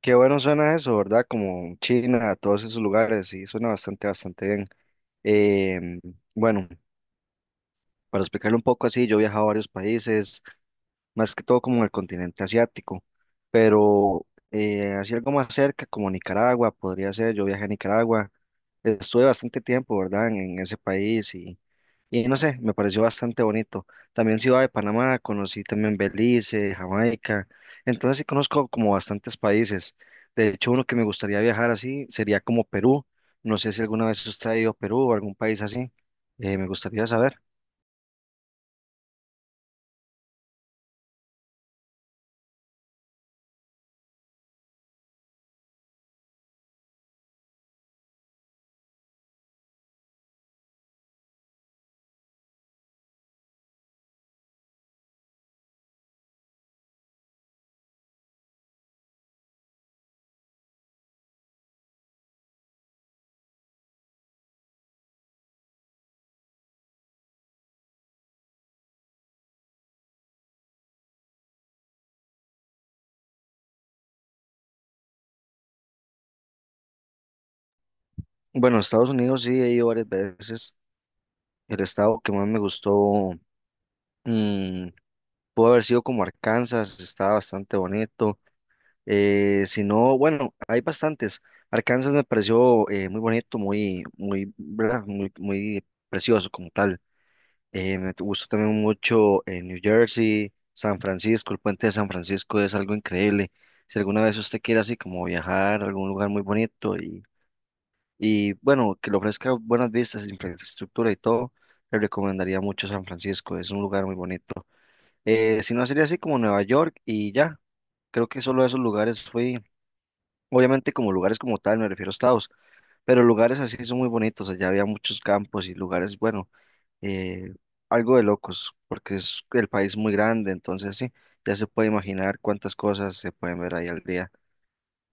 Qué bueno suena eso, ¿verdad? Como China, todos esos lugares, sí, suena bastante bien. Em, bueno, para explicarlo un poco así, yo he viajado a varios países, más que todo como en el continente asiático, pero así algo más cerca, como Nicaragua, podría ser. Yo viajé a Nicaragua. Estuve bastante tiempo, ¿verdad? En ese país y no sé, me pareció bastante bonito. También Ciudad de Panamá, conocí también Belice, Jamaica. Entonces sí conozco como bastantes países. De hecho, uno que me gustaría viajar así sería como Perú. No sé si alguna vez usted ha ido a Perú o algún país así. Me gustaría saber. Bueno, a Estados Unidos sí he ido varias veces. El estado que más me gustó mm, pudo haber sido como Arkansas, estaba bastante bonito. Si no, bueno, hay bastantes. Arkansas me pareció muy bonito, ¿verdad? Muy precioso como tal. Me gustó también mucho New Jersey, San Francisco. El puente de San Francisco es algo increíble. Si alguna vez usted quiere así como viajar a algún lugar muy bonito y bueno, que le ofrezca buenas vistas, infraestructura y todo, le recomendaría mucho San Francisco, es un lugar muy bonito. Si no, sería así como Nueva York y ya. Creo que solo a esos lugares fui. Obviamente como lugares como tal, me refiero a estados, pero lugares así son muy bonitos. Allá había muchos campos y lugares, bueno, eh, algo de locos, porque es el país muy grande, entonces sí, ya se puede imaginar cuántas cosas se pueden ver ahí al día.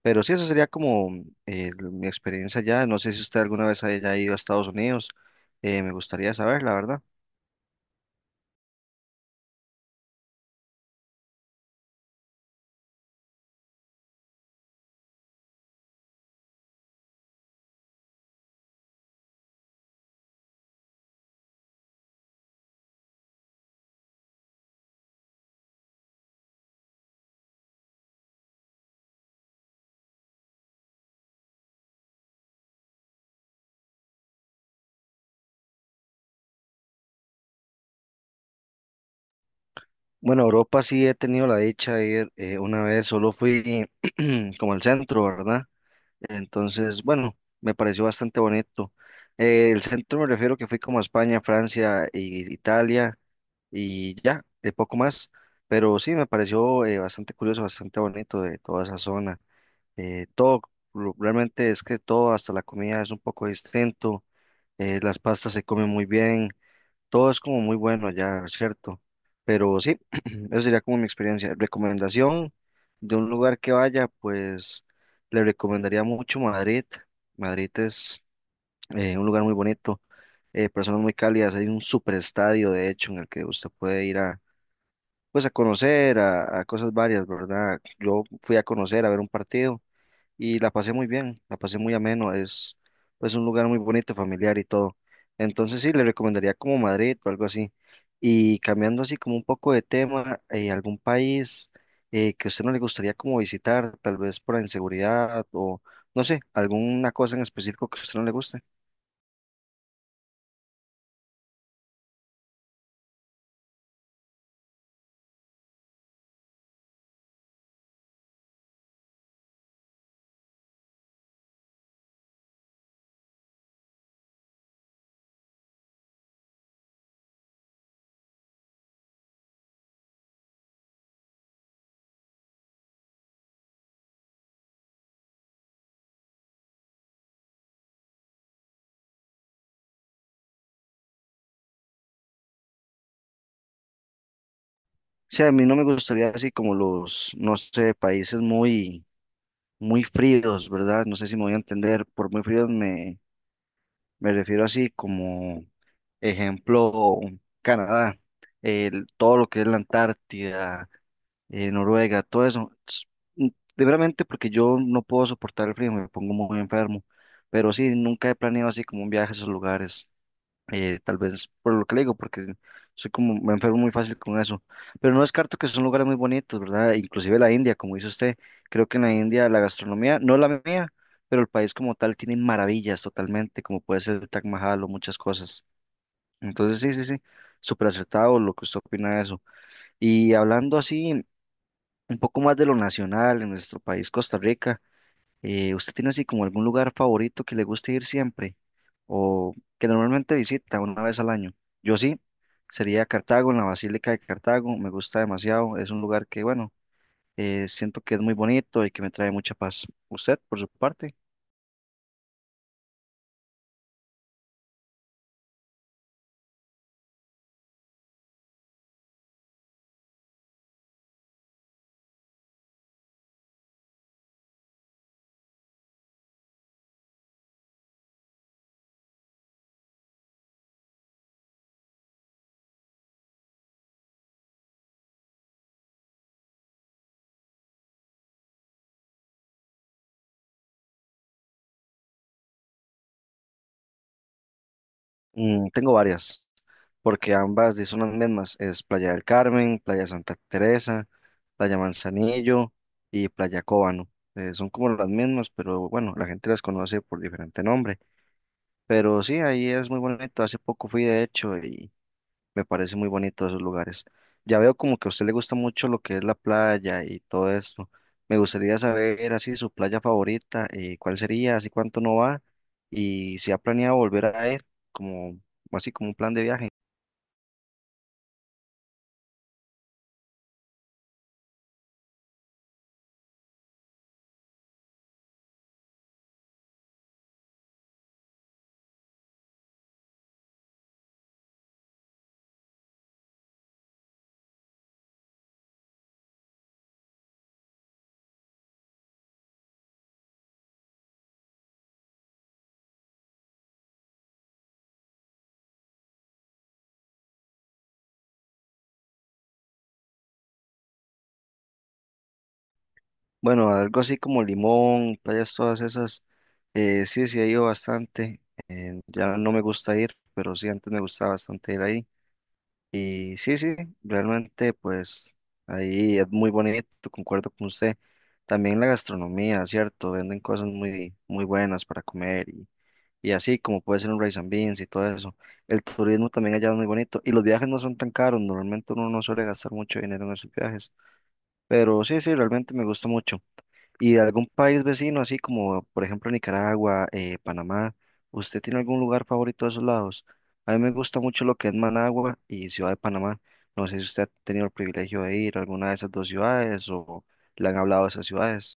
Pero sí, eso sería como mi experiencia allá. No sé si usted alguna vez haya ido a Estados Unidos. Me gustaría saber, la verdad. Bueno, Europa sí he tenido la dicha de ir una vez, solo fui como al centro, ¿verdad? Entonces, bueno, me pareció bastante bonito. El centro me refiero que fui como a España, Francia e Italia y ya, de poco más. Pero sí, me pareció bastante curioso, bastante bonito de toda esa zona. Eh, todo, Realmente es que todo, hasta la comida es un poco distinto. Las pastas se comen muy bien, todo es como muy bueno allá, ¿cierto? Pero sí, esa sería como mi experiencia. Recomendación de un lugar que vaya, pues le recomendaría mucho Madrid. Madrid es un lugar muy bonito, personas muy cálidas. Hay un super estadio, de hecho, en el que usted puede ir a, pues, a conocer, a cosas varias, ¿verdad? Yo fui a conocer, a ver un partido y la pasé muy bien, la pasé muy ameno. Es pues un lugar muy bonito, familiar y todo. Entonces sí, le recomendaría como Madrid o algo así. Y cambiando así como un poco de tema, algún país que a usted no le gustaría como visitar, tal vez por la inseguridad o no sé, alguna cosa en específico que a usted no le guste. Sí, a mí no me gustaría así como los, no sé, países muy fríos, ¿verdad? No sé si me voy a entender. Por muy fríos me refiero así como ejemplo, Canadá, todo lo que es la Antártida, Noruega, todo eso. Primeramente porque yo no puedo soportar el frío, me pongo muy enfermo. Pero sí, nunca he planeado así como un viaje a esos lugares, tal vez por lo que le digo, porque soy como, me enfermo muy fácil con eso. Pero no descarto que son lugares muy bonitos, ¿verdad? Inclusive la India, como dice usted, creo que en la India la gastronomía, no la mía, pero el país como tal tiene maravillas totalmente, como puede ser el Taj Mahal o muchas cosas. Entonces, sí, sí, sí, súper acertado lo que usted opina de eso. Y hablando así, un poco más de lo nacional en nuestro país, Costa Rica, ¿usted tiene así como algún lugar favorito que le guste ir siempre o que normalmente visita una vez al año? Yo sí, sería Cartago, en la Basílica de Cartago. Me gusta demasiado, es un lugar que, bueno, siento que es muy bonito y que me trae mucha paz. ¿Usted, por su parte? Mm, tengo varias, porque ambas sí son las mismas. Es Playa del Carmen, Playa Santa Teresa, Playa Manzanillo y Playa Cóbano. Son como las mismas, pero bueno, la gente las conoce por diferente nombre. Pero sí, ahí es muy bonito. Hace poco fui, de hecho, me parece muy bonito esos lugares. Ya veo como que a usted le gusta mucho lo que es la playa y todo esto. Me gustaría saber así su playa favorita, cuál sería, así cuánto no va y si ha planeado volver a ir, como así como un plan de viaje. Bueno, algo así como Limón, playas todas esas. Sí, sí he ido bastante. Ya no me gusta ir, pero sí antes me gustaba bastante ir ahí. Y sí, sí, realmente pues ahí es muy bonito, concuerdo con usted. También la gastronomía, ¿cierto? Venden cosas muy buenas para comer y así como puede ser un rice and beans y todo eso. El turismo también allá es muy bonito y los viajes no son tan caros. Normalmente uno no suele gastar mucho dinero en esos viajes. Pero sí, sí, realmente me gusta mucho. Y de algún país vecino, así como por ejemplo Nicaragua, Panamá, ¿usted tiene algún lugar favorito de esos lados? A mí me gusta mucho lo que es Managua y Ciudad de Panamá. No sé si usted ha tenido el privilegio de ir a alguna de esas dos ciudades o le han hablado de esas ciudades.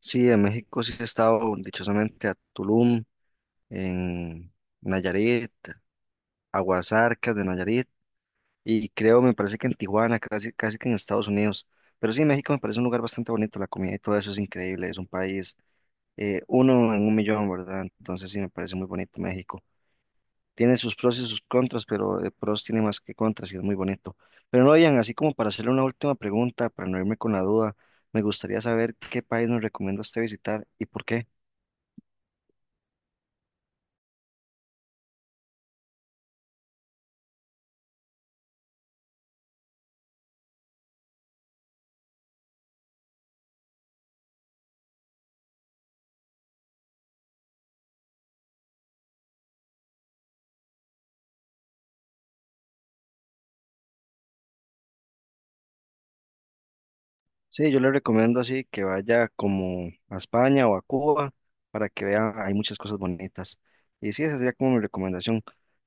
Sí, en México sí he estado dichosamente a Tulum, en Nayarit, Aguasarcas de Nayarit, y creo, me parece que en Tijuana, casi que en Estados Unidos. Pero sí, México me parece un lugar bastante bonito, la comida y todo eso es increíble. Es un país uno en un millón, ¿verdad? Entonces sí, me parece muy bonito México. Tiene sus pros y sus contras, pero pros tiene más que contras y es muy bonito. Pero no, Ian, así como para hacerle una última pregunta, para no irme con la duda, me gustaría saber qué país nos recomienda usted visitar y por qué. Sí, yo le recomiendo así que vaya como a España o a Cuba para que vea, hay muchas cosas bonitas. Y sí, esa sería como mi recomendación.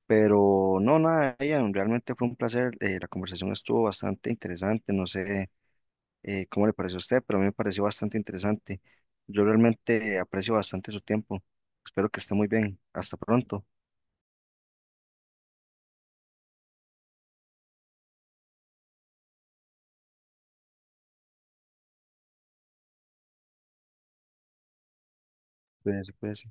Pero no, nada, Ian, realmente fue un placer. La conversación estuvo bastante interesante. No sé cómo le pareció a usted, pero a mí me pareció bastante interesante. Yo realmente aprecio bastante su tiempo. Espero que esté muy bien. Hasta pronto. Cuídense, cuídense.